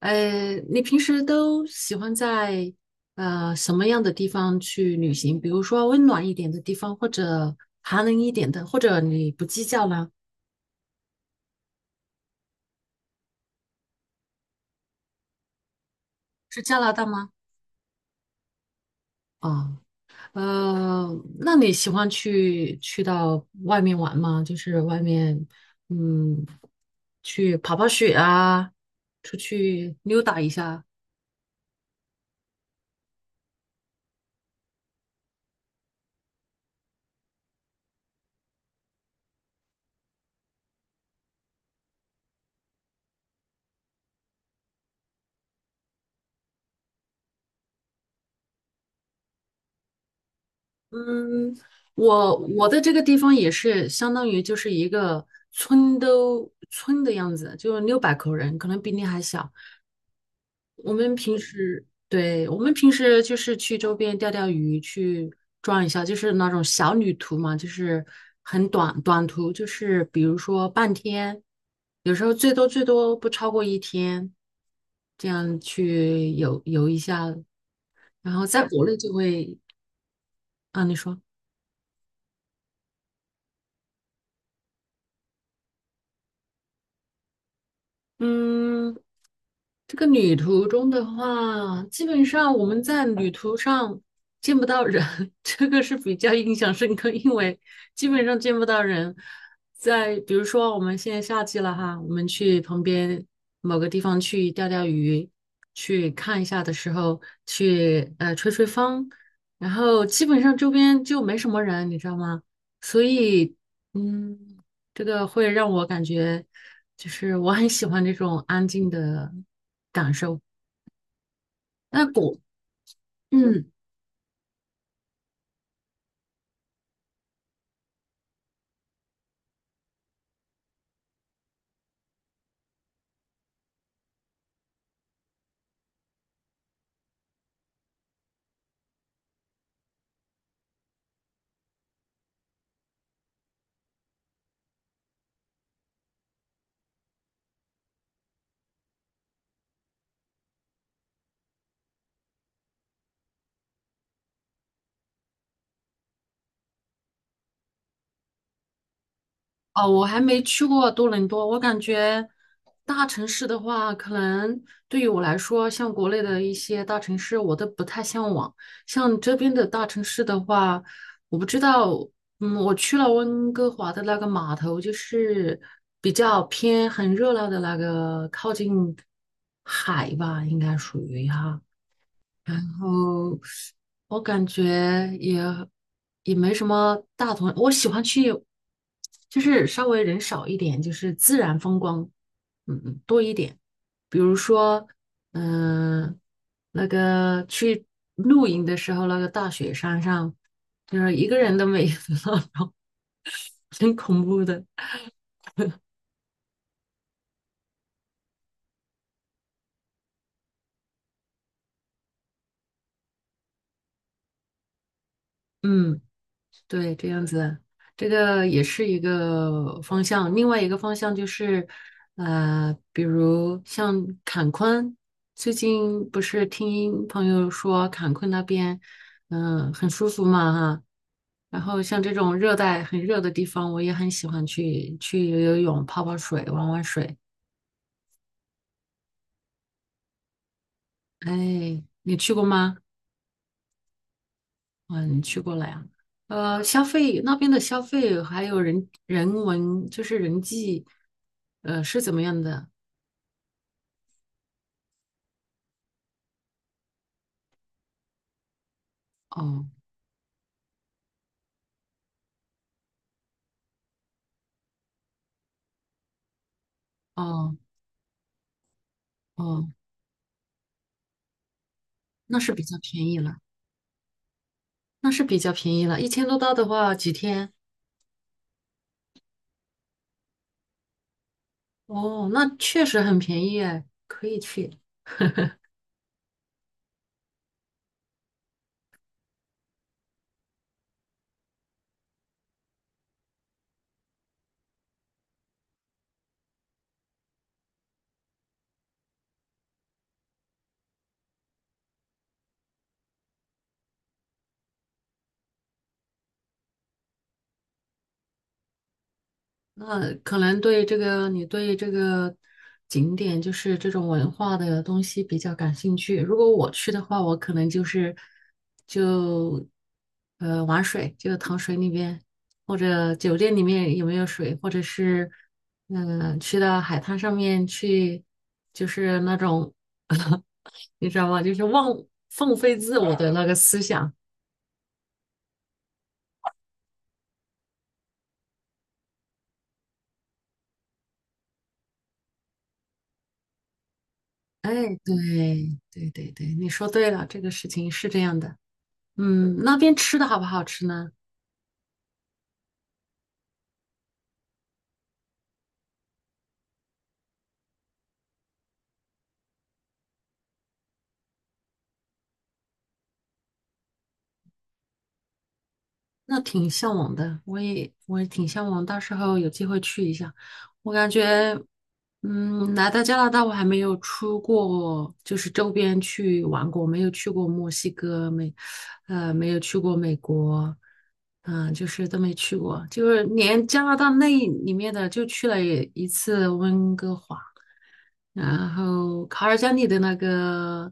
你平时都喜欢在什么样的地方去旅行？比如说温暖一点的地方，或者寒冷一点的，或者你不计较呢？是加拿大吗？啊，呃，那你喜欢去到外面玩吗？就是外面，嗯，去跑跑雪啊，出去溜达一下。嗯，我的这个地方也是相当于就是一个村都村的样子，就六百口人，可能比你还小。我们平时，对，我们平时就是去周边钓钓鱼，去转一下，就是那种小旅途嘛，就是很短途，就是比如说半天，有时候最多最多不超过一天，这样去游游一下，然后在国内就会，啊，你说。嗯，这个旅途中的话，基本上我们在旅途上见不到人，这个是比较印象深刻，因为基本上见不到人。在比如说我们现在夏季了哈，我们去旁边某个地方去钓钓鱼，去看一下的时候，去吹吹风，然后基本上周边就没什么人，你知道吗？所以嗯，这个会让我感觉就是我很喜欢这种安静的。感受。那国，嗯，哦，我还没去过多伦多，我感觉大城市的话，可能对于我来说，像国内的一些大城市，我都不太向往。像这边的大城市的话，我不知道，嗯，我去了温哥华的那个码头，就是比较偏很热闹的那个，靠近海吧，应该属于哈。然后我感觉也也没什么大同，我喜欢去就是稍微人少一点，就是自然风光，嗯嗯多一点。比如说，嗯、那个去露营的时候，那个大雪山上，就是一个人都没有，很恐怖的。嗯。对，这样子，这个也是一个方向。另外一个方向就是，比如像坎昆，最近不是听朋友说坎昆那边，很舒服嘛哈。然后像这种热带很热的地方，我也很喜欢去游游泳、泡泡水、玩玩水。哎，你去过吗？嗯，你去过了呀？消费那边的消费还有人文，就是人际，是怎么样的？哦哦哦，那是比较便宜了，那是比较便宜了，一千多刀的话几天？哦，那确实很便宜哎，可以去。那可能对这个，你对这个景点就是这种文化的东西比较感兴趣。如果我去的话，我可能就是就玩水，就躺水里面，或者酒店里面有没有水，或者是去到海滩上面去，就是那种 你知道吗？就是放飞自我的那个思想。哎，对对对对，你说对了，这个事情是这样的。嗯，那边吃的好不好吃呢？那挺向往的，我也挺向往，到时候有机会去一下。我感觉，嗯，来到加拿大，我还没有出过，就是周边去玩过，没有去过墨西哥，没有去过美国，就是都没去过，就是连加拿大那里面的就去了一次温哥华，然后卡尔加里的那个，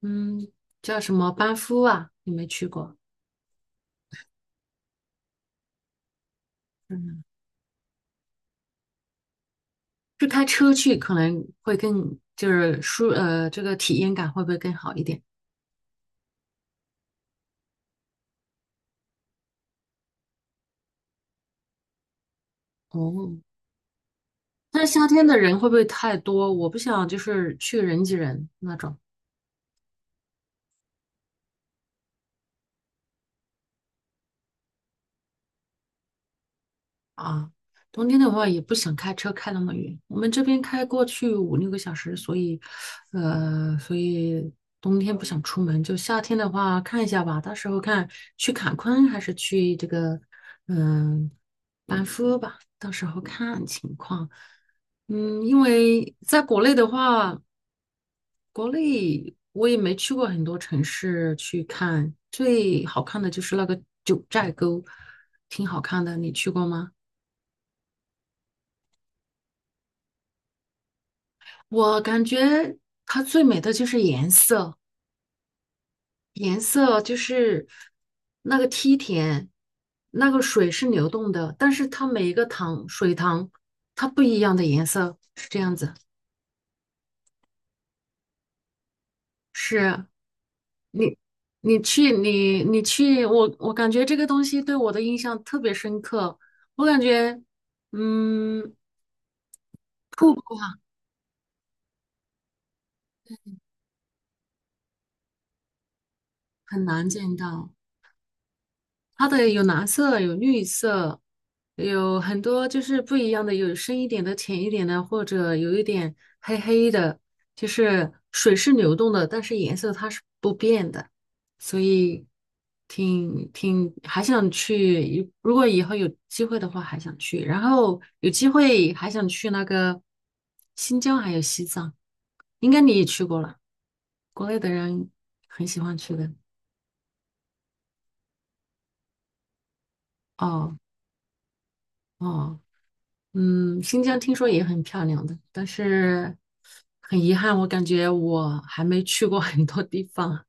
嗯，叫什么班夫啊，你没去过？嗯，就开车去可能会更就是这个体验感会不会更好一点？哦，但是夏天的人会不会太多？我不想就是去人挤人那种。啊，冬天的话也不想开车开那么远，我们这边开过去五六个小时，所以，所以冬天不想出门，就夏天的话看一下吧，到时候看去坎昆还是去这个，嗯、班夫吧，到时候看情况。嗯，因为在国内的话，国内我也没去过很多城市去看，最好看的就是那个九寨沟，挺好看的，你去过吗？我感觉它最美的就是颜色，颜色就是那个梯田，那个水是流动的，但是它每一个水塘它不一样的颜色是这样子。是你你去，我感觉这个东西对我的印象特别深刻。我感觉嗯，瀑布啊很难见到。它的有蓝色，有绿色，有很多就是不一样的，有深一点的、浅一点的，或者有一点黑黑的，就是水是流动的，但是颜色它是不变的，所以挺还想去，如果以后有机会的话还想去，然后有机会还想去那个新疆还有西藏，应该你也去过了，国内的人很喜欢去的。哦哦。嗯，新疆听说也很漂亮的，但是很遗憾，我感觉我还没去过 很多地方，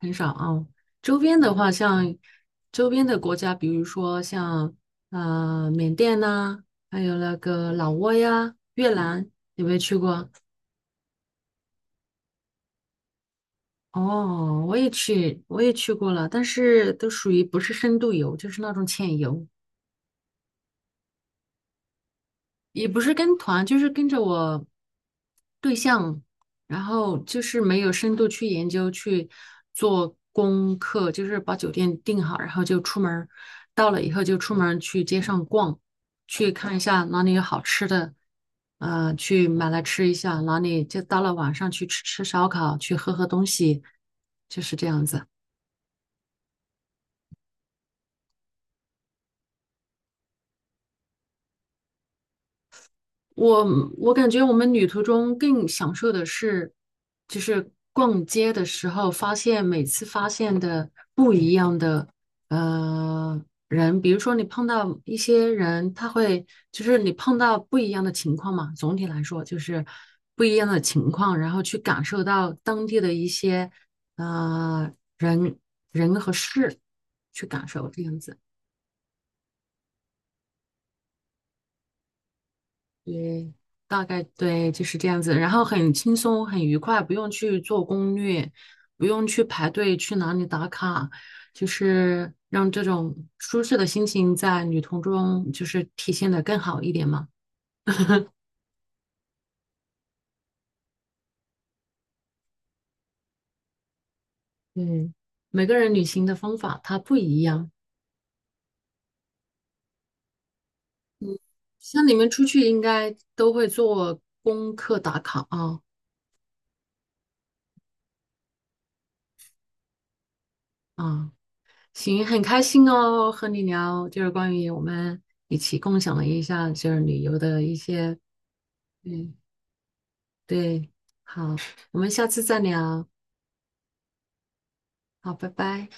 很少啊。周边的话，像周边的国家，比如说像缅甸呐、还有那个老挝呀、越南，有没有去过？哦，我也去过了，但是都属于不是深度游，就是那种浅游。也不是跟团，就是跟着我对象，然后就是没有深度去研究去做功课，就是把酒店订好，然后就出门儿到了以后就出门儿去街上逛，去看一下哪里有好吃的，去买来吃一下，哪里就到了晚上去吃吃烧烤，去喝喝东西，就是这样子。我我感觉我们旅途中更享受的是，就是逛街的时候发现每次发现的不一样的呃人，比如说你碰到一些人，他会就是你碰到不一样的情况嘛，总体来说就是不一样的情况，然后去感受到当地的一些呃人人和事，去感受这样子。对，大概对，就是这样子。然后很轻松，很愉快，不用去做攻略，不用去排队去哪里打卡，就是让这种舒适的心情在旅途中就是体现的更好一点嘛。嗯，每个人旅行的方法它不一样，像你们出去应该都会做功课打卡啊啊，行，很开心哦，和你聊，就是关于我们一起共享了一下就是旅游的一些嗯对，好，我们下次再聊，好，拜拜。